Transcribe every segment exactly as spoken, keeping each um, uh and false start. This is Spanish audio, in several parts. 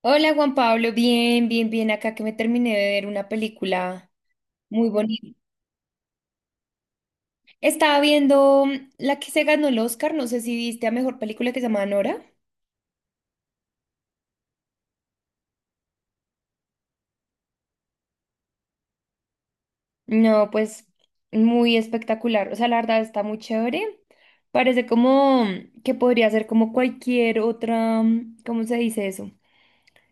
Hola Juan Pablo, bien, bien, bien, acá que me terminé de ver una película muy bonita. Estaba viendo mm, la que se ganó el Oscar, no sé si viste a mejor película que se llama Nora. No, pues muy espectacular, o sea, la verdad está muy chévere. Parece como mm, que podría ser como cualquier otra, mm, ¿cómo se dice eso?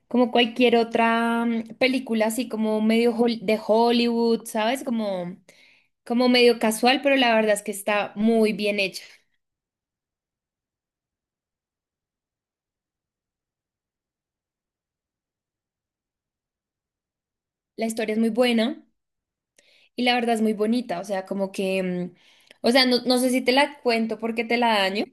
Como cualquier otra mm, película así como medio hol- de Hollywood, ¿sabes? Como, como medio casual, pero la verdad es que está muy bien hecha. La historia es muy buena y la verdad es muy bonita, o sea, como que, mm, o sea, no, no sé si te la cuento porque te la daño.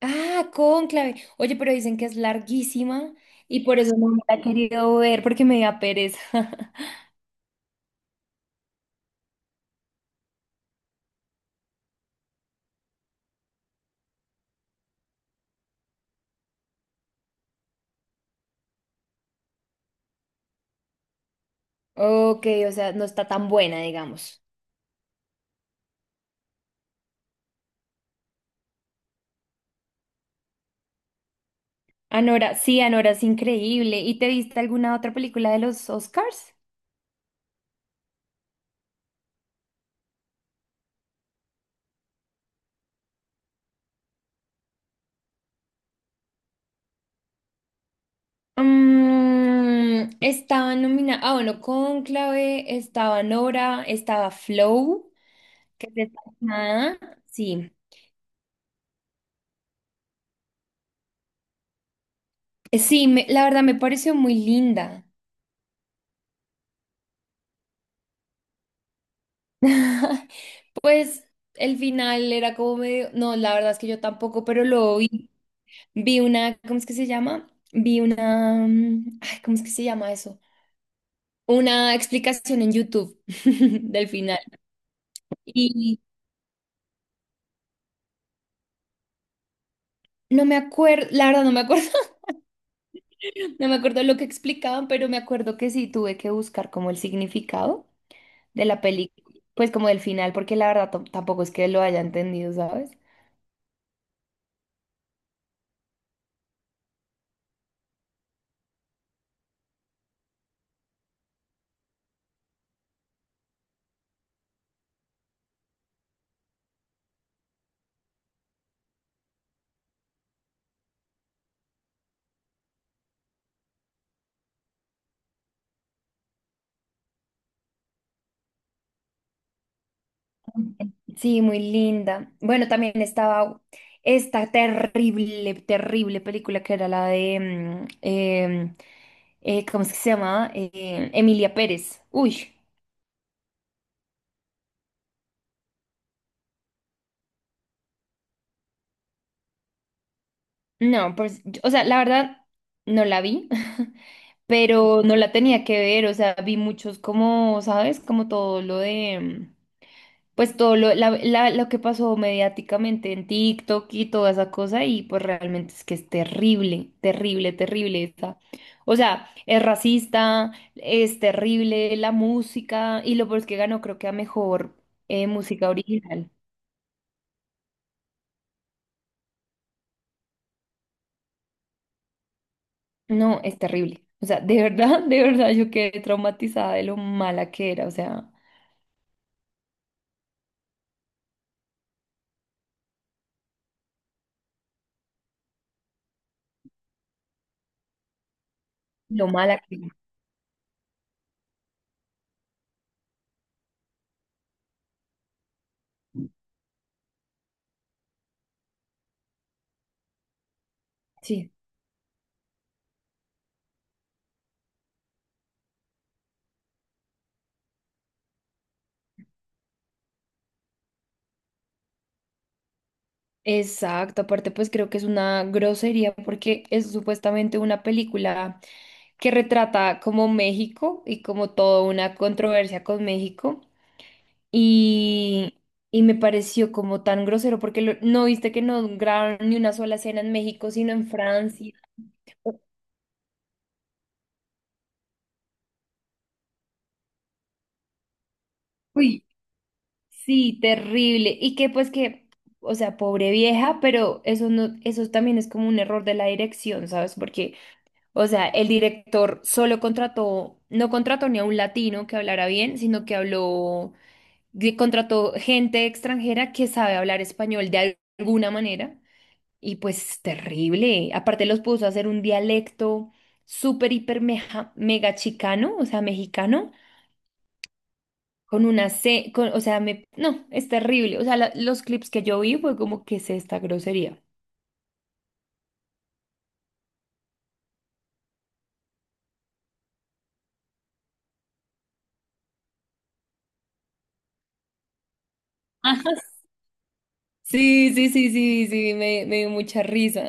Ah, Cónclave. Oye, pero dicen que es larguísima y por eso no me la he querido ver porque me da pereza. Ok, o sea, no está tan buena, digamos. Anora, sí, Anora es increíble. ¿Y te viste alguna otra película de los Oscars? Mm, estaba nominada, ah, bueno, Cónclave, estaba Nora, estaba Flow, que es esta- Ah, sí. Eh, sí, me- la verdad me pareció muy linda. Pues el final era como medio, no, la verdad es que yo tampoco, pero luego vi, vi una, ¿cómo es que se llama? Vi una, mm, ay, ¿cómo es que se llama eso? Una explicación en YouTube del final. Y no me acuerdo, la verdad no me acuerdo, no me acuerdo lo que explicaban, pero me acuerdo que sí tuve que buscar como el significado de la película, pues como del final, porque la verdad tam- tampoco es que lo haya entendido, ¿sabes? Sí, muy linda. Bueno, también estaba esta terrible, terrible película que era la de, mm, em, eh, ¿cómo es que se llama? Emilia Pérez. Uy, no, pues, yo- o sea, la verdad, no la vi, pero no la tenía que ver, o sea, vi muchos como, ¿sabes? Como todo lo de... mm, pues todo lo, la- la- lo que pasó mediáticamente en TikTok y toda esa cosa, y pues realmente es que es terrible, terrible, terrible esta. O sea, es racista, es terrible la música, y lo peor es que ganó, creo que a mejor eh, música original. No, es terrible. O sea, de verdad, de verdad, yo quedé traumatizada de lo mala que era, o sea, lo mala que era. Sí. Exacto, aparte pues creo que es una grosería porque es supuestamente una película que retrata como México y como toda una controversia con México y, y me pareció como tan grosero porque lo- no viste que no grabaron ni una sola escena en México sino en Francia. Uy, sí, terrible. Y que pues que, o sea, pobre vieja, pero eso no, eso también es como un error de la dirección, ¿sabes? Porque o sea, el director solo contrató, no contrató ni a un latino que hablara bien, sino que habló, que contrató gente extranjera que sabe hablar español de al- alguna manera. Y pues terrible. Aparte los puso a hacer un dialecto súper, hiper, meja- mega chicano, o sea, mexicano, con una C, con, o sea, me, no, es terrible. O sea, la- los clips que yo vi fue como, ¿que es esta grosería? Ajá. Sí, sí, sí, sí, sí, me, me dio mucha risa.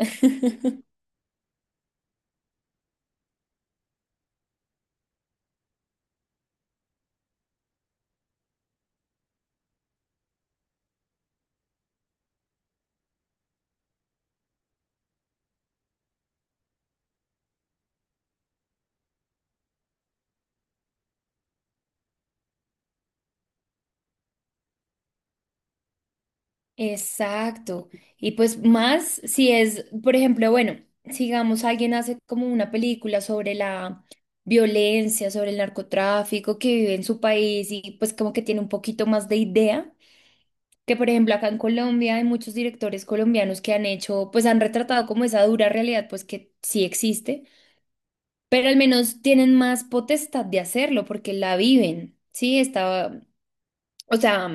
Exacto. Y pues más si es, por ejemplo, bueno, sigamos, alguien hace como una película sobre la violencia, sobre el narcotráfico que vive en su país y pues como que tiene un poquito más de idea, que por ejemplo acá en Colombia hay muchos directores colombianos que han hecho, pues han retratado como esa dura realidad, pues que sí existe, pero al menos tienen más potestad de hacerlo porque la viven. Sí, está, o sea,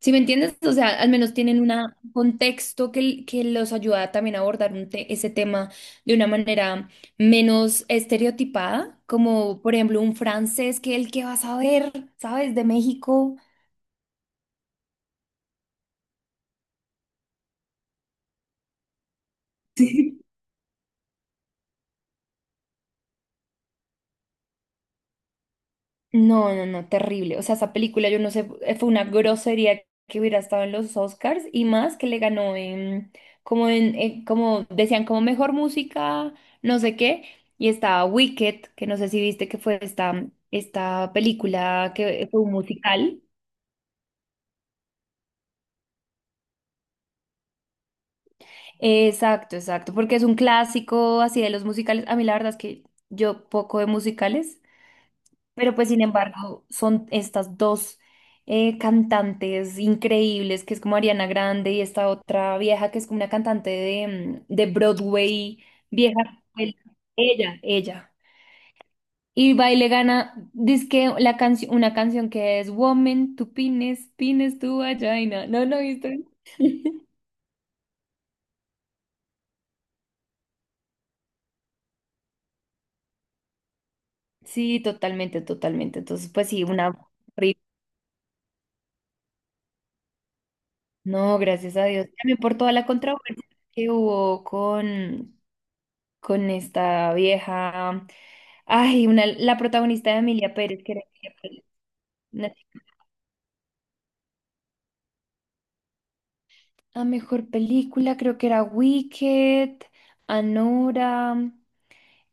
¿si me entiendes? O sea, al menos tienen una- un contexto que, que los ayuda también a abordar un te- ese tema de una manera menos estereotipada, como por ejemplo un francés que el que va a saber, ¿sabes? De México. No, no, no, terrible. O sea, esa película, yo no sé, eh, fue una grosería que hubiera estado en los Oscars y más que le ganó en, como en, eh, como decían, como mejor música, no sé qué. Y estaba Wicked, que no sé si viste que fue esta, esta película que fue un musical. Exacto, exacto, porque es un clásico así de los musicales. A mí la verdad es que yo poco de musicales. Pero pues sin embargo son estas dos eh, cantantes increíbles, que es como Ariana Grande y esta otra vieja que es como una cantante de, mm, de Broadway, vieja escuela. Ella, ella. Y va y le gana, dizque la canción, una canción que es Woman, tu pines, pines tu vagina. ¿No lo viste? Sí, totalmente, totalmente. Entonces, pues sí, una... horrible. No, gracias a Dios. También por toda la controversia que hubo con, con esta vieja. Ay, una, la protagonista de Emilia Pérez, que era Emilia Pérez. Una- la mejor película, creo que era Wicked, Anora.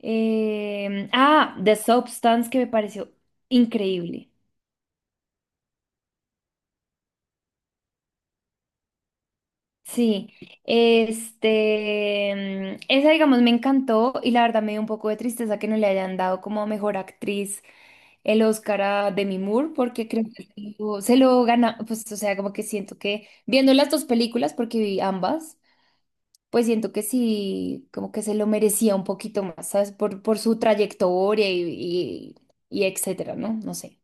em, ah, The Substance, que me pareció increíble. Sí, este, mm, esa digamos me encantó y la verdad me dio un poco de tristeza que no le hayan dado como mejor actriz el Oscar a Demi Moore porque creo que se lo, se lo gana, pues o sea, como que siento que viendo las dos películas porque vi ambas, pues siento que sí, como que se lo merecía un poquito más, ¿sabes? Por, por su trayectoria y, y, y etcétera, ¿no? No sé.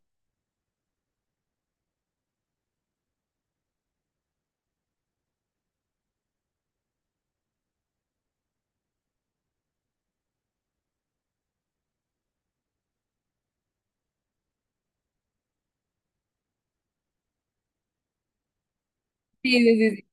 Sí, sí, sí. Sí.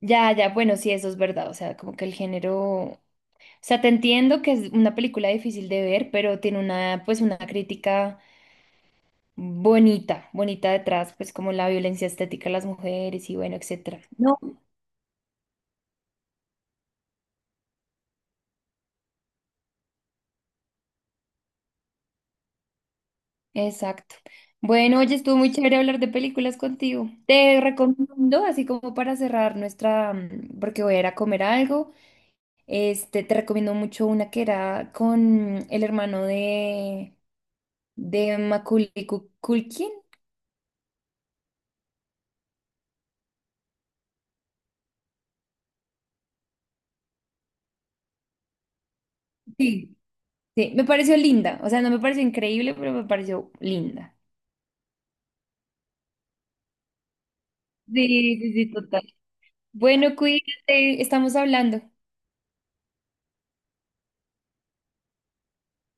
Ya, ya, bueno, sí, eso es verdad, o sea, como que el género... O sea, te entiendo que es una película difícil de ver, pero tiene una, pues, una crítica bonita, bonita detrás, pues como la violencia estética de las mujeres y bueno, etcétera. No. Exacto. Bueno, oye, estuvo muy chévere hablar de películas contigo. Te recomiendo, así como para cerrar nuestra, mm, porque voy a ir a comer algo, este, te recomiendo mucho una que era con el hermano de, de Macaulay Cu- Culkin. Sí, sí, me pareció linda. O sea, no me pareció increíble, pero me pareció linda. Sí, sí, sí, total. Bueno, cuídate, estamos hablando.